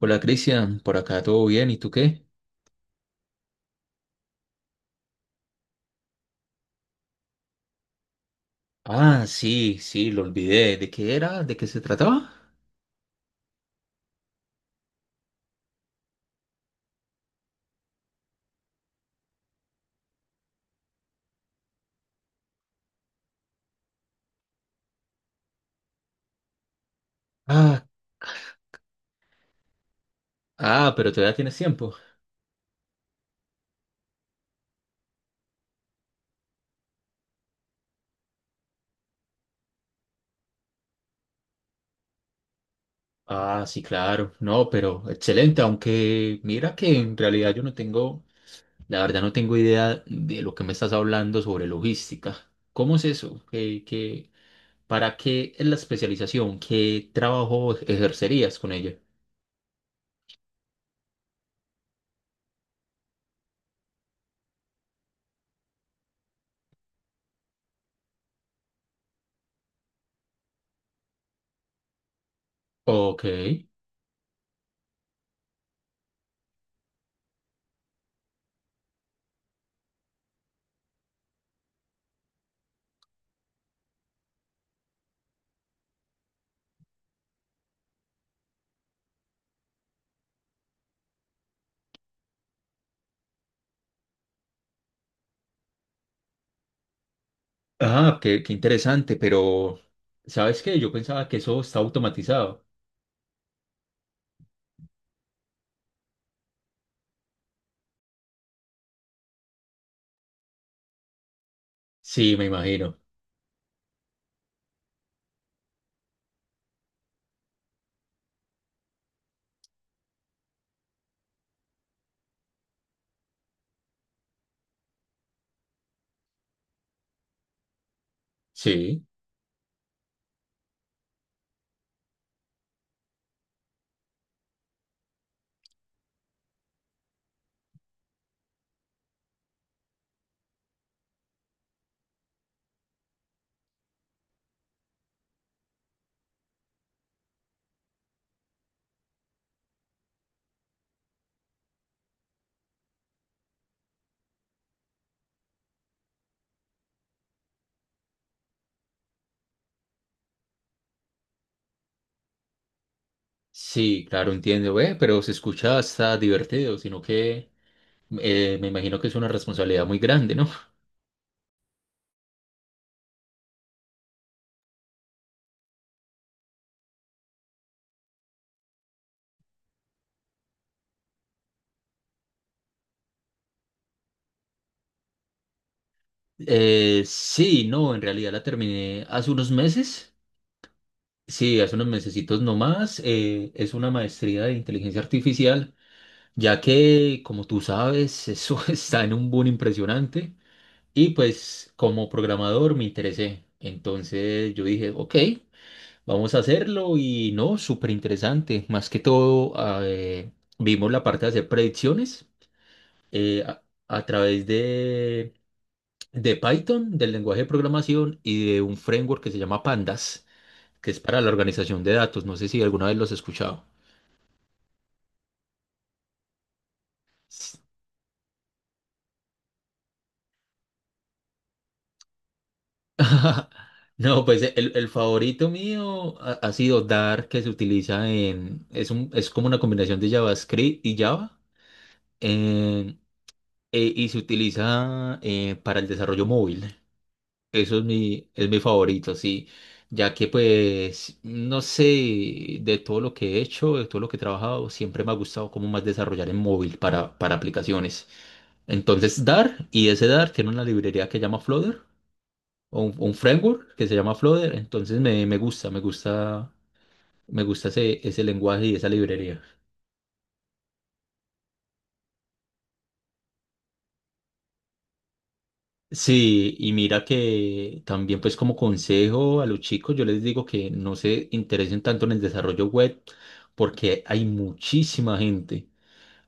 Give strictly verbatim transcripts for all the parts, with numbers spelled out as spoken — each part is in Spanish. Hola Cristian, por acá todo bien, ¿y tú qué? Ah, sí, sí, lo olvidé. ¿De qué era? ¿De qué se trataba? Ah, ah, pero todavía tienes tiempo. Ah, sí, claro. No, pero excelente, aunque mira que en realidad yo no tengo, la verdad no tengo idea de lo que me estás hablando sobre logística. ¿Cómo es eso? ¿Qué, qué, para qué es la especialización? ¿Qué trabajo ejercerías con ella? Ok. Ah, qué, qué interesante, pero ¿sabes qué? Yo pensaba que eso está automatizado. Sí, me imagino. Sí, sí, claro, entiendo, ve, pero se escucha hasta divertido, sino que eh, me imagino que es una responsabilidad muy grande, ¿no? Eh, sí, no, en realidad la terminé hace unos meses, sí, hace unos mesecitos nomás, eh, es una maestría de inteligencia artificial, ya que, como tú sabes, eso está en un boom impresionante y pues como programador me interesé, entonces yo dije, ok. Vamos a hacerlo y no, súper interesante. Más que todo, ah, eh, vimos la parte de hacer predicciones eh, a, a través de, de Python, del lenguaje de programación y de un framework que se llama Pandas, que es para la organización de datos. No sé si alguna vez los he escuchado. S- No, pues eh, el, el favorito mío ha, ha sido Dart, que se utiliza en, es un, es como una combinación de JavaScript y Java, en- eh, y se utiliza eh, para el desarrollo móvil. Eso es mi, es mi, favorito, sí, ya que pues, no sé, de todo lo que he hecho, de todo lo que he trabajado, siempre me ha gustado como más desarrollar en móvil para, para aplicaciones. Entonces, Dart, y ese Dart tiene una librería que llama Flutter, o un, un framework que se llama Flutter, entonces me, me gusta, me gusta, me gusta ese, ese lenguaje y esa librería. Sí, y mira que también pues como consejo a los chicos, yo les digo que no se interesen tanto en el desarrollo web porque hay muchísima gente.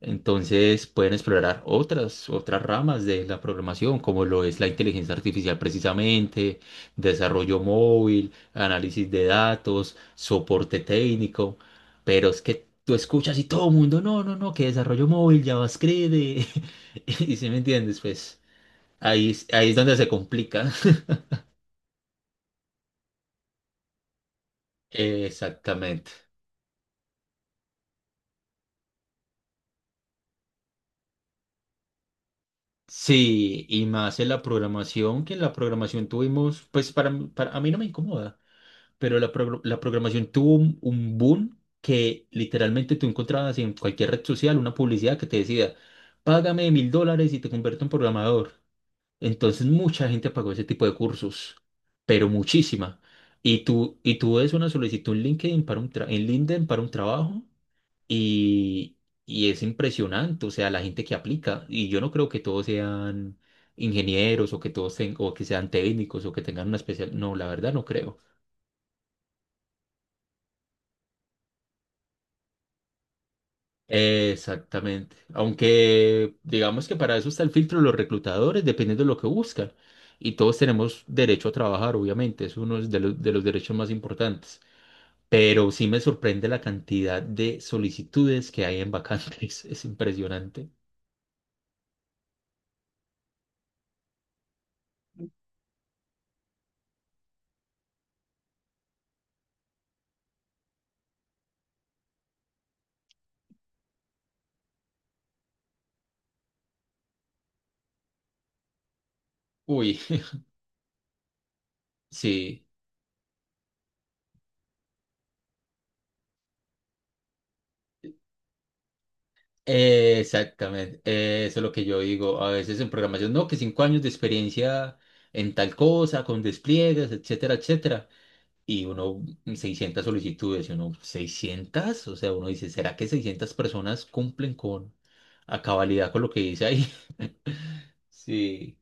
Entonces pueden explorar otras, otras ramas de la programación, como lo es la inteligencia artificial precisamente, desarrollo móvil, análisis de datos, soporte técnico. Pero es que tú escuchas y todo el mundo, no, no, no, que desarrollo móvil, JavaScript, y, y si me entiendes, pues. Ahí, ahí es donde se complica. Exactamente. Sí, y más en la programación, que en la programación tuvimos, pues para, mí- para a mí no me incomoda, pero la, progr- la programación tuvo un, un boom que literalmente tú encontrabas en cualquier red social una publicidad que te decía, págame mil dólares y te convierto en programador. Entonces mucha gente pagó ese tipo de cursos, pero muchísima. Y tú, y tú ves una solicitud en LinkedIn para un tra- en LinkedIn para un trabajo y, y es impresionante, o sea, la gente que aplica. Y yo no creo que todos sean ingenieros o que todos ten- o que sean técnicos o que tengan una especial. No, la verdad no creo. Exactamente. Aunque digamos que para eso está el filtro de los reclutadores, dependiendo de lo que buscan. Y todos tenemos derecho a trabajar, obviamente, es uno de los, de los derechos más importantes. Pero sí me sorprende la cantidad de solicitudes que hay en vacantes, es impresionante. Uy, sí, exactamente. eh, Eso es lo que yo digo a veces en programación, no, que cinco años de experiencia en tal cosa, con despliegues, etcétera, etcétera. Y uno, mm, seiscientas solicitudes, y uno, seiscientas o sea, uno dice, ¿será que seiscientas personas cumplen con a cabalidad con lo que dice ahí? Sí.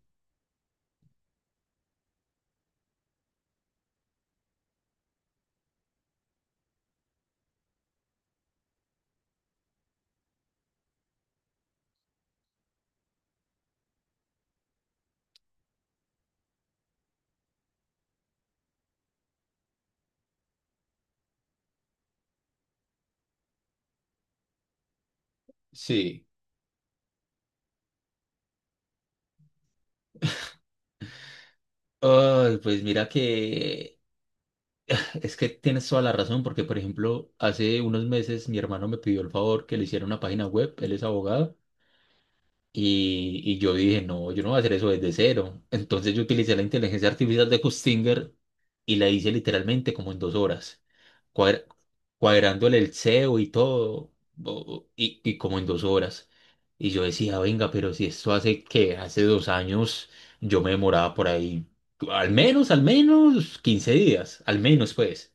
Sí, ay, pues mira que es que tienes toda la razón, porque por ejemplo, hace unos meses mi hermano me pidió el favor que le hiciera una página web, él es abogado. Y, y yo dije, no, yo no voy a hacer eso desde cero. Entonces yo utilicé la inteligencia artificial de Kustinger y la hice literalmente como en dos horas, cuadra- cuadrándole el SEO y todo, o- y, y como en dos horas. Y yo decía, venga, pero si esto hace que hace dos años yo me demoraba por ahí, al menos, al menos quince días, al menos pues.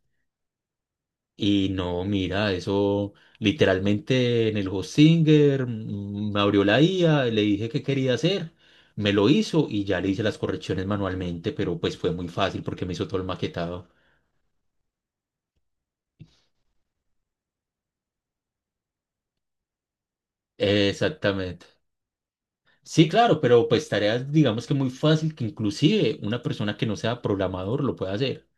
Y no, mira, eso literalmente en el Hostinger mm, me abrió la I A, le dije qué quería hacer, me lo hizo y ya le hice las correcciones manualmente, pero pues fue muy fácil porque me hizo todo el maquetado. Exactamente. Sí, claro, pero pues tareas digamos que muy fácil que inclusive una persona que no sea programador lo puede hacer.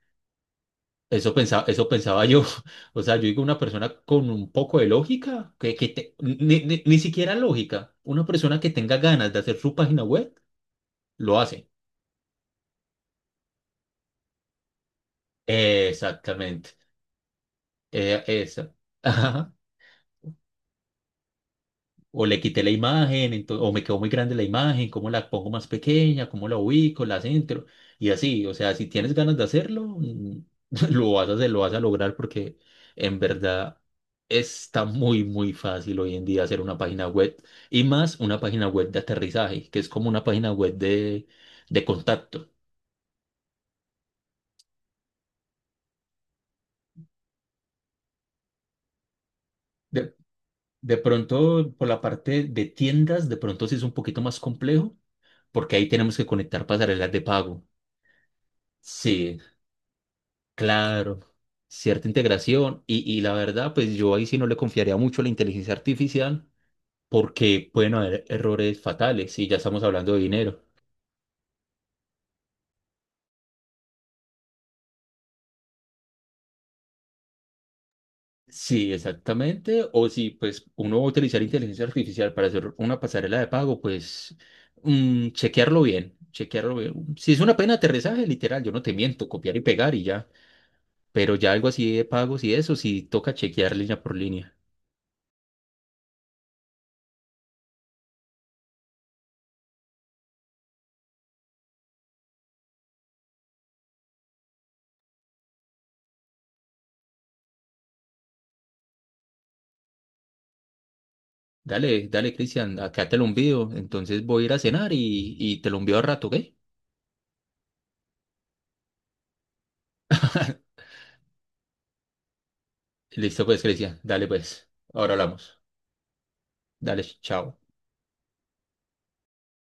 Eso pensaba, eso pensaba yo. O sea, yo digo una persona con un poco de lógica, que, que te- ni, ni ni siquiera lógica, una persona que tenga ganas de hacer su página web. Lo hace. Exactamente. Eh, esa. Ajá. O le quité la imagen, ento- o me quedó muy grande la imagen, cómo la pongo más pequeña, cómo la ubico, la centro. Y así, o sea, si tienes ganas de hacerlo, mm, lo vas a hacer, lo vas a lograr porque en verdad está muy, muy fácil hoy en día hacer una página web y más una página web de aterrizaje, que es como una página web de, de, contacto. De, de pronto, por la parte de tiendas, de pronto sí es un poquito más complejo porque ahí tenemos que conectar pasarelas de pago. Sí, claro, cierta integración y, y la verdad, pues yo ahí sí no le confiaría mucho a la inteligencia artificial porque pueden haber errores fatales y ya estamos hablando de dinero. Sí, exactamente. O si pues uno va a utilizar inteligencia artificial para hacer una pasarela de pago, pues mm, chequearlo bien, chequearlo bien. Si es una pena de aterrizaje, literal, yo no te miento, copiar y pegar y ya. Pero ya algo así de pagos y eso, sí toca chequear línea por línea. Dale, dale, Cristian, acá te lo envío. Entonces voy a ir a cenar y, y te lo envío al rato, ¿ok? Listo, pues, Cristian. Dale, pues. Ahora hablamos. Dale, chao.